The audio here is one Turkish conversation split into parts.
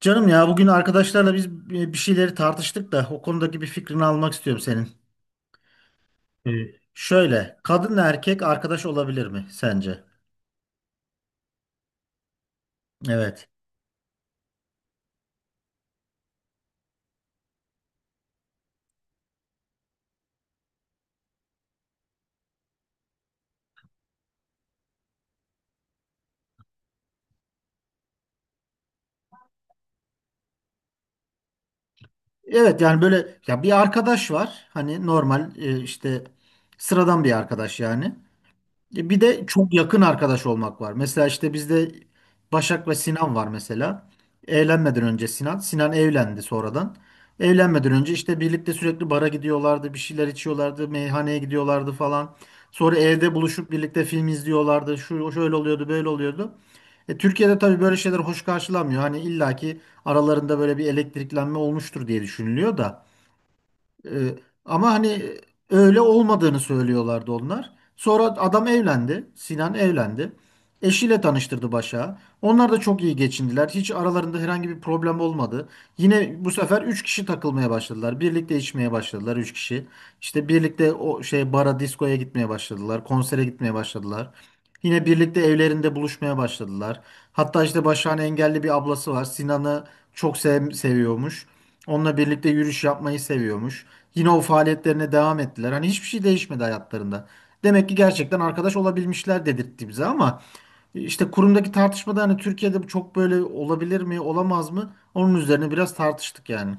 Canım ya bugün arkadaşlarla biz bir şeyleri tartıştık da o konudaki bir fikrini almak istiyorum senin. Ee, Şöyle kadınla erkek arkadaş olabilir mi sence? Evet. Evet, yani böyle ya bir arkadaş var, hani normal, işte sıradan bir arkadaş yani. Bir de çok yakın arkadaş olmak var. Mesela işte bizde Başak ve Sinan var mesela. Evlenmeden önce Sinan. Sinan evlendi sonradan. Evlenmeden önce işte birlikte sürekli bara gidiyorlardı, bir şeyler içiyorlardı, meyhaneye gidiyorlardı falan. Sonra evde buluşup birlikte film izliyorlardı. Şu şöyle oluyordu, böyle oluyordu. Türkiye'de tabii böyle şeyler hoş karşılanmıyor. Hani illaki aralarında böyle bir elektriklenme olmuştur diye düşünülüyor da. Ee, Ama hani öyle olmadığını söylüyorlardı onlar. Sonra adam evlendi. Sinan evlendi. Eşiyle tanıştırdı Başak'ı. Onlar da çok iyi geçindiler. Hiç aralarında herhangi bir problem olmadı. Yine bu sefer 3 kişi takılmaya başladılar. Birlikte içmeye başladılar 3 kişi. İşte birlikte o şey bara, diskoya gitmeye başladılar. Konsere gitmeye başladılar. Yine birlikte evlerinde buluşmaya başladılar. Hatta işte Başak'ın engelli bir ablası var. Sinan'ı çok seviyormuş. Onunla birlikte yürüyüş yapmayı seviyormuş. Yine o faaliyetlerine devam ettiler. Hani hiçbir şey değişmedi hayatlarında. Demek ki gerçekten arkadaş olabilmişler dedirtti bize, ama işte kurumdaki tartışmada hani Türkiye'de bu çok böyle olabilir mi, olamaz mı? Onun üzerine biraz tartıştık yani.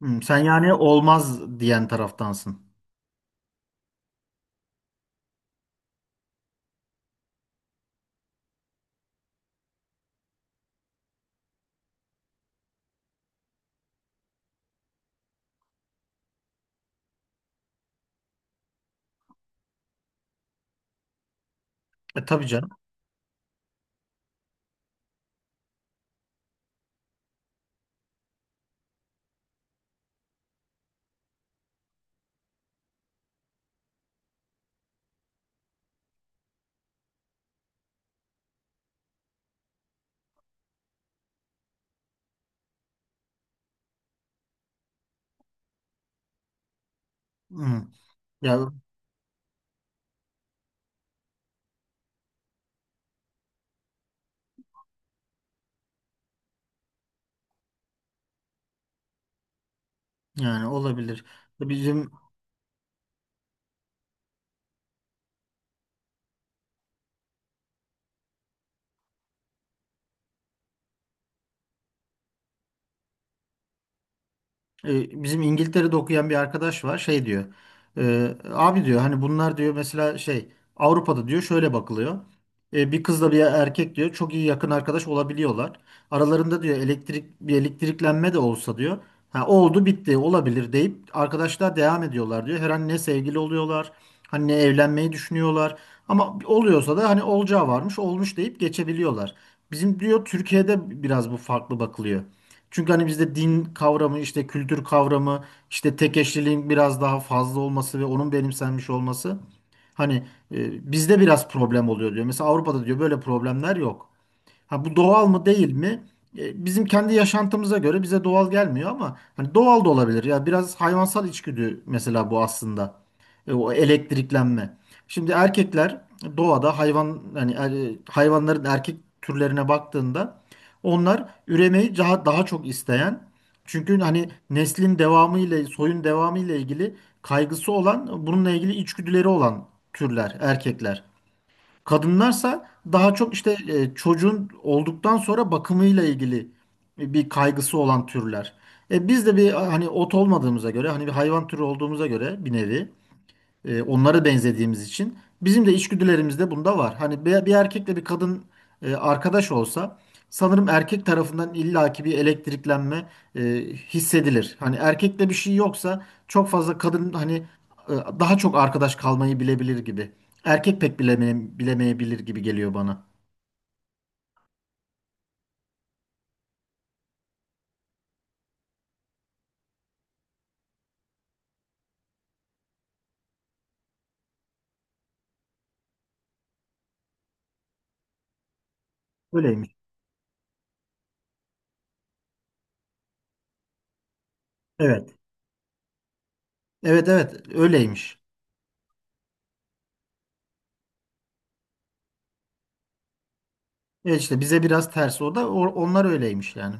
Hmm, sen yani olmaz diyen taraftansın. E tabii canım. Hmm. Ya yani olabilir. Bizim Bizim İngiltere'de okuyan bir arkadaş var, şey diyor, abi diyor, hani bunlar diyor, mesela şey Avrupa'da diyor şöyle bakılıyor. Bir kızla bir erkek diyor çok iyi yakın arkadaş olabiliyorlar, aralarında diyor elektriklenme de olsa diyor, ha, oldu bitti olabilir deyip arkadaşlar devam ediyorlar diyor, her an ne sevgili oluyorlar hani, ne evlenmeyi düşünüyorlar, ama oluyorsa da hani olacağı varmış olmuş deyip geçebiliyorlar. Bizim diyor Türkiye'de biraz bu farklı bakılıyor. Çünkü hani bizde din kavramı, işte kültür kavramı, işte tek eşliliğin biraz daha fazla olması ve onun benimsenmiş olması hani, bizde biraz problem oluyor diyor. Mesela Avrupa'da diyor böyle problemler yok. Ha, bu doğal mı değil mi? Bizim kendi yaşantımıza göre bize doğal gelmiyor ama hani doğal da olabilir. Ya biraz hayvansal içgüdü mesela bu aslında. O elektriklenme. Şimdi erkekler doğada hayvan hani hayvanların erkek türlerine baktığında onlar üremeyi daha çok isteyen, çünkü hani neslin devamı ile soyun devamı ile ilgili kaygısı olan, bununla ilgili içgüdüleri olan türler erkekler. Kadınlarsa daha çok işte çocuğun olduktan sonra bakımıyla ilgili bir kaygısı olan türler. Biz de bir hani ot olmadığımıza göre, hani bir hayvan türü olduğumuza göre bir nevi onlara benzediğimiz için bizim de içgüdülerimizde bunda var. Hani bir erkekle bir kadın arkadaş olsa sanırım erkek tarafından illaki bir elektriklenme e, hissedilir. Hani erkekte bir şey yoksa çok fazla kadın hani, e, daha çok arkadaş kalmayı bilebilir gibi. Erkek pek bilemeyebilir gibi geliyor bana. Öyleymiş. Evet. Evet, evet öyleymiş. Evet, işte bize biraz ters o da, onlar öyleymiş yani.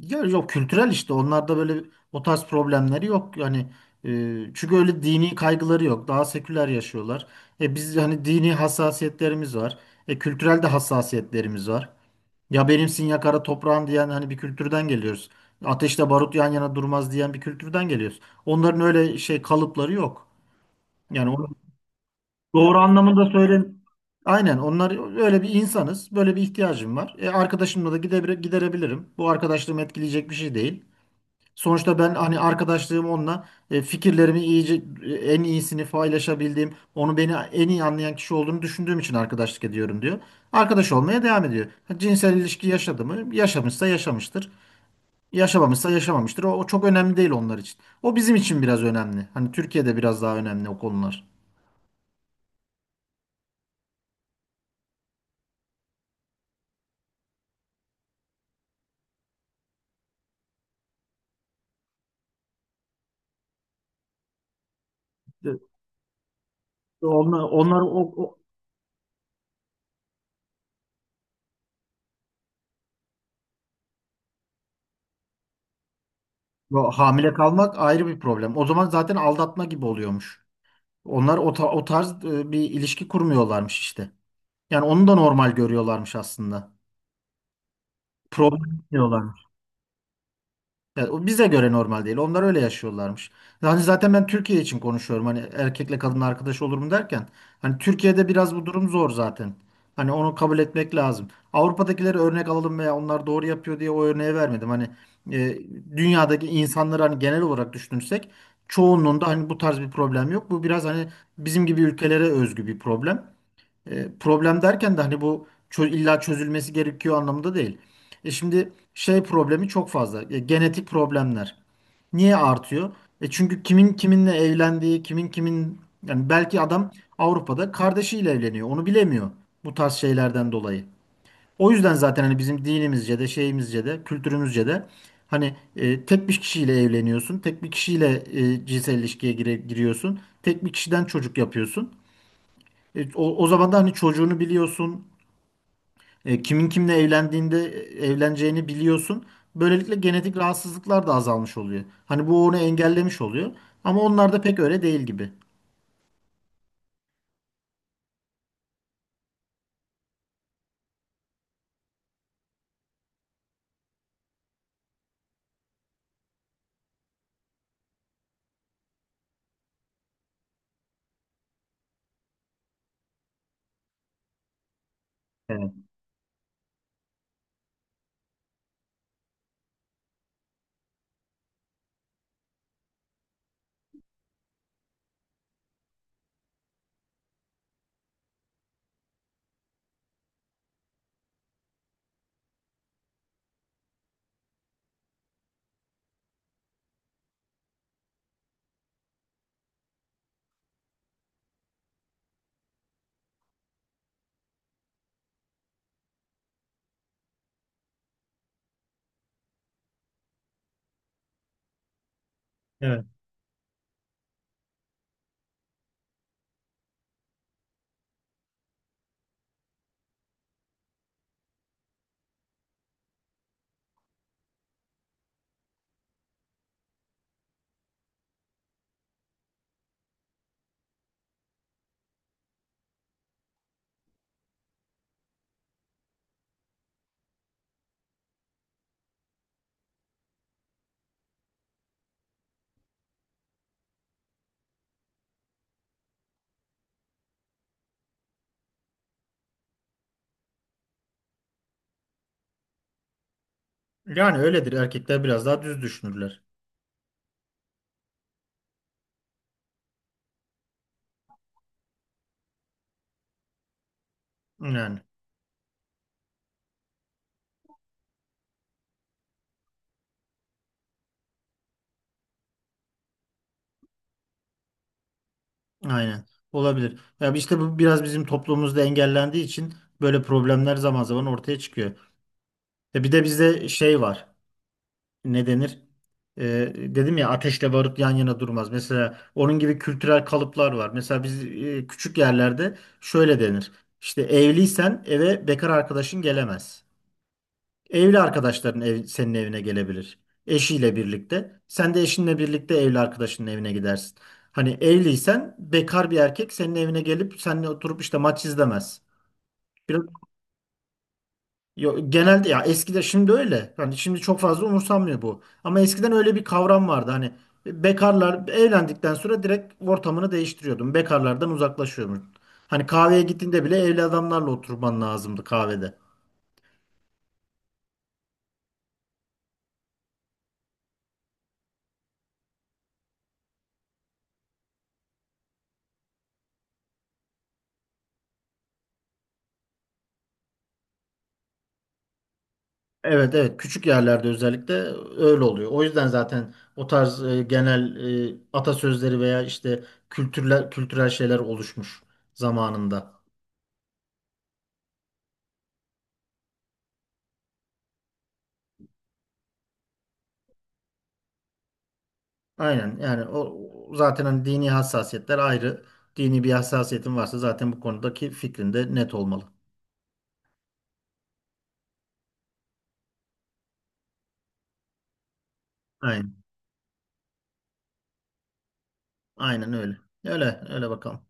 Ya yok, kültürel işte onlarda böyle o tarz problemleri yok yani, çünkü öyle dini kaygıları yok, daha seküler yaşıyorlar. E biz hani dini hassasiyetlerimiz var. E kültürel de hassasiyetlerimiz var. Ya benimsin ya kara toprağın diyen hani bir kültürden geliyoruz. Ateşle barut yan yana durmaz diyen bir kültürden geliyoruz. Onların öyle şey kalıpları yok. Yani onu doğru anlamında söyle. Aynen, onlar öyle bir insanız. Böyle bir ihtiyacım var. E, arkadaşımla da giderebilirim. Bu arkadaşlığımı etkileyecek bir şey değil. Sonuçta ben hani arkadaşlığım onunla fikirlerimi iyice en iyisini paylaşabildiğim, onu beni en iyi anlayan kişi olduğunu düşündüğüm için arkadaşlık ediyorum diyor. Arkadaş olmaya devam ediyor. Ha, cinsel ilişki yaşadı mı? Yaşamışsa yaşamıştır. Yaşamamışsa yaşamamıştır. O çok önemli değil onlar için. O bizim için biraz önemli. Hani Türkiye'de biraz daha önemli o konular. E, Onlar o hamile kalmak ayrı bir problem. O zaman zaten aldatma gibi oluyormuş. Onlar o tarz bir ilişki kurmuyorlarmış işte. Yani onu da normal görüyorlarmış aslında. Problem diyorlarmış. Yani o bize göre normal değil. Onlar öyle yaşıyorlarmış. Yani zaten ben Türkiye için konuşuyorum. Hani erkekle kadın arkadaş olur mu derken. Hani Türkiye'de biraz bu durum zor zaten. Hani onu kabul etmek lazım. Avrupa'dakileri örnek alalım veya onlar doğru yapıyor diye o örneği vermedim. Hani e, dünyadaki insanları hani genel olarak düşünürsek çoğunluğunda hani bu tarz bir problem yok. Bu biraz hani bizim gibi ülkelere özgü bir problem. Problem derken de hani bu illa çözülmesi gerekiyor anlamında değil. E şimdi şey problemi çok fazla. E, genetik problemler. Niye artıyor? E çünkü kimin kiminle evlendiği, kimin kimin, yani belki adam Avrupa'da kardeşiyle evleniyor. Onu bilemiyor bu tarz şeylerden dolayı. O yüzden zaten hani bizim dinimizce de şeyimizce de kültürümüzce de hani, tek bir kişiyle evleniyorsun. Tek bir kişiyle cinsel ilişkiye giriyorsun. Tek bir kişiden çocuk yapıyorsun. O zaman da hani çocuğunu biliyorsun. Kimin kimle evlendiğinde evleneceğini biliyorsun. Böylelikle genetik rahatsızlıklar da azalmış oluyor. Hani bu onu engellemiş oluyor. Ama onlar da pek öyle değil gibi. Evet. Evet. Yani öyledir. Erkekler biraz daha düz düşünürler. Yani. Aynen. Olabilir. Ya işte bu biraz bizim toplumumuzda engellendiği için böyle problemler zaman zaman ortaya çıkıyor. Ya bir de bizde şey var. Ne denir? Dedim ya, ateşle barut yan yana durmaz. Mesela onun gibi kültürel kalıplar var. Mesela biz küçük yerlerde şöyle denir. İşte evliysen eve bekar arkadaşın gelemez. Evli arkadaşların senin evine gelebilir. Eşiyle birlikte. Sen de eşinle birlikte evli arkadaşının evine gidersin. Hani evliysen bekar bir erkek senin evine gelip seninle oturup işte maç izlemez. Biraz, yo, genelde ya eskiden, şimdi öyle. Hani şimdi çok fazla umursanmıyor bu. Ama eskiden öyle bir kavram vardı. Hani bekarlar evlendikten sonra direkt ortamını değiştiriyordun. Bekarlardan uzaklaşıyordun. Hani kahveye gittiğinde bile evli adamlarla oturman lazımdı kahvede. Evet, evet küçük yerlerde özellikle öyle oluyor. O yüzden zaten o tarz genel atasözleri veya işte kültürel şeyler oluşmuş zamanında. Aynen, yani o zaten hani dini hassasiyetler ayrı. Dini bir hassasiyetin varsa zaten bu konudaki fikrin de net olmalı. Aynen. Aynen öyle. Öyle öyle bakalım.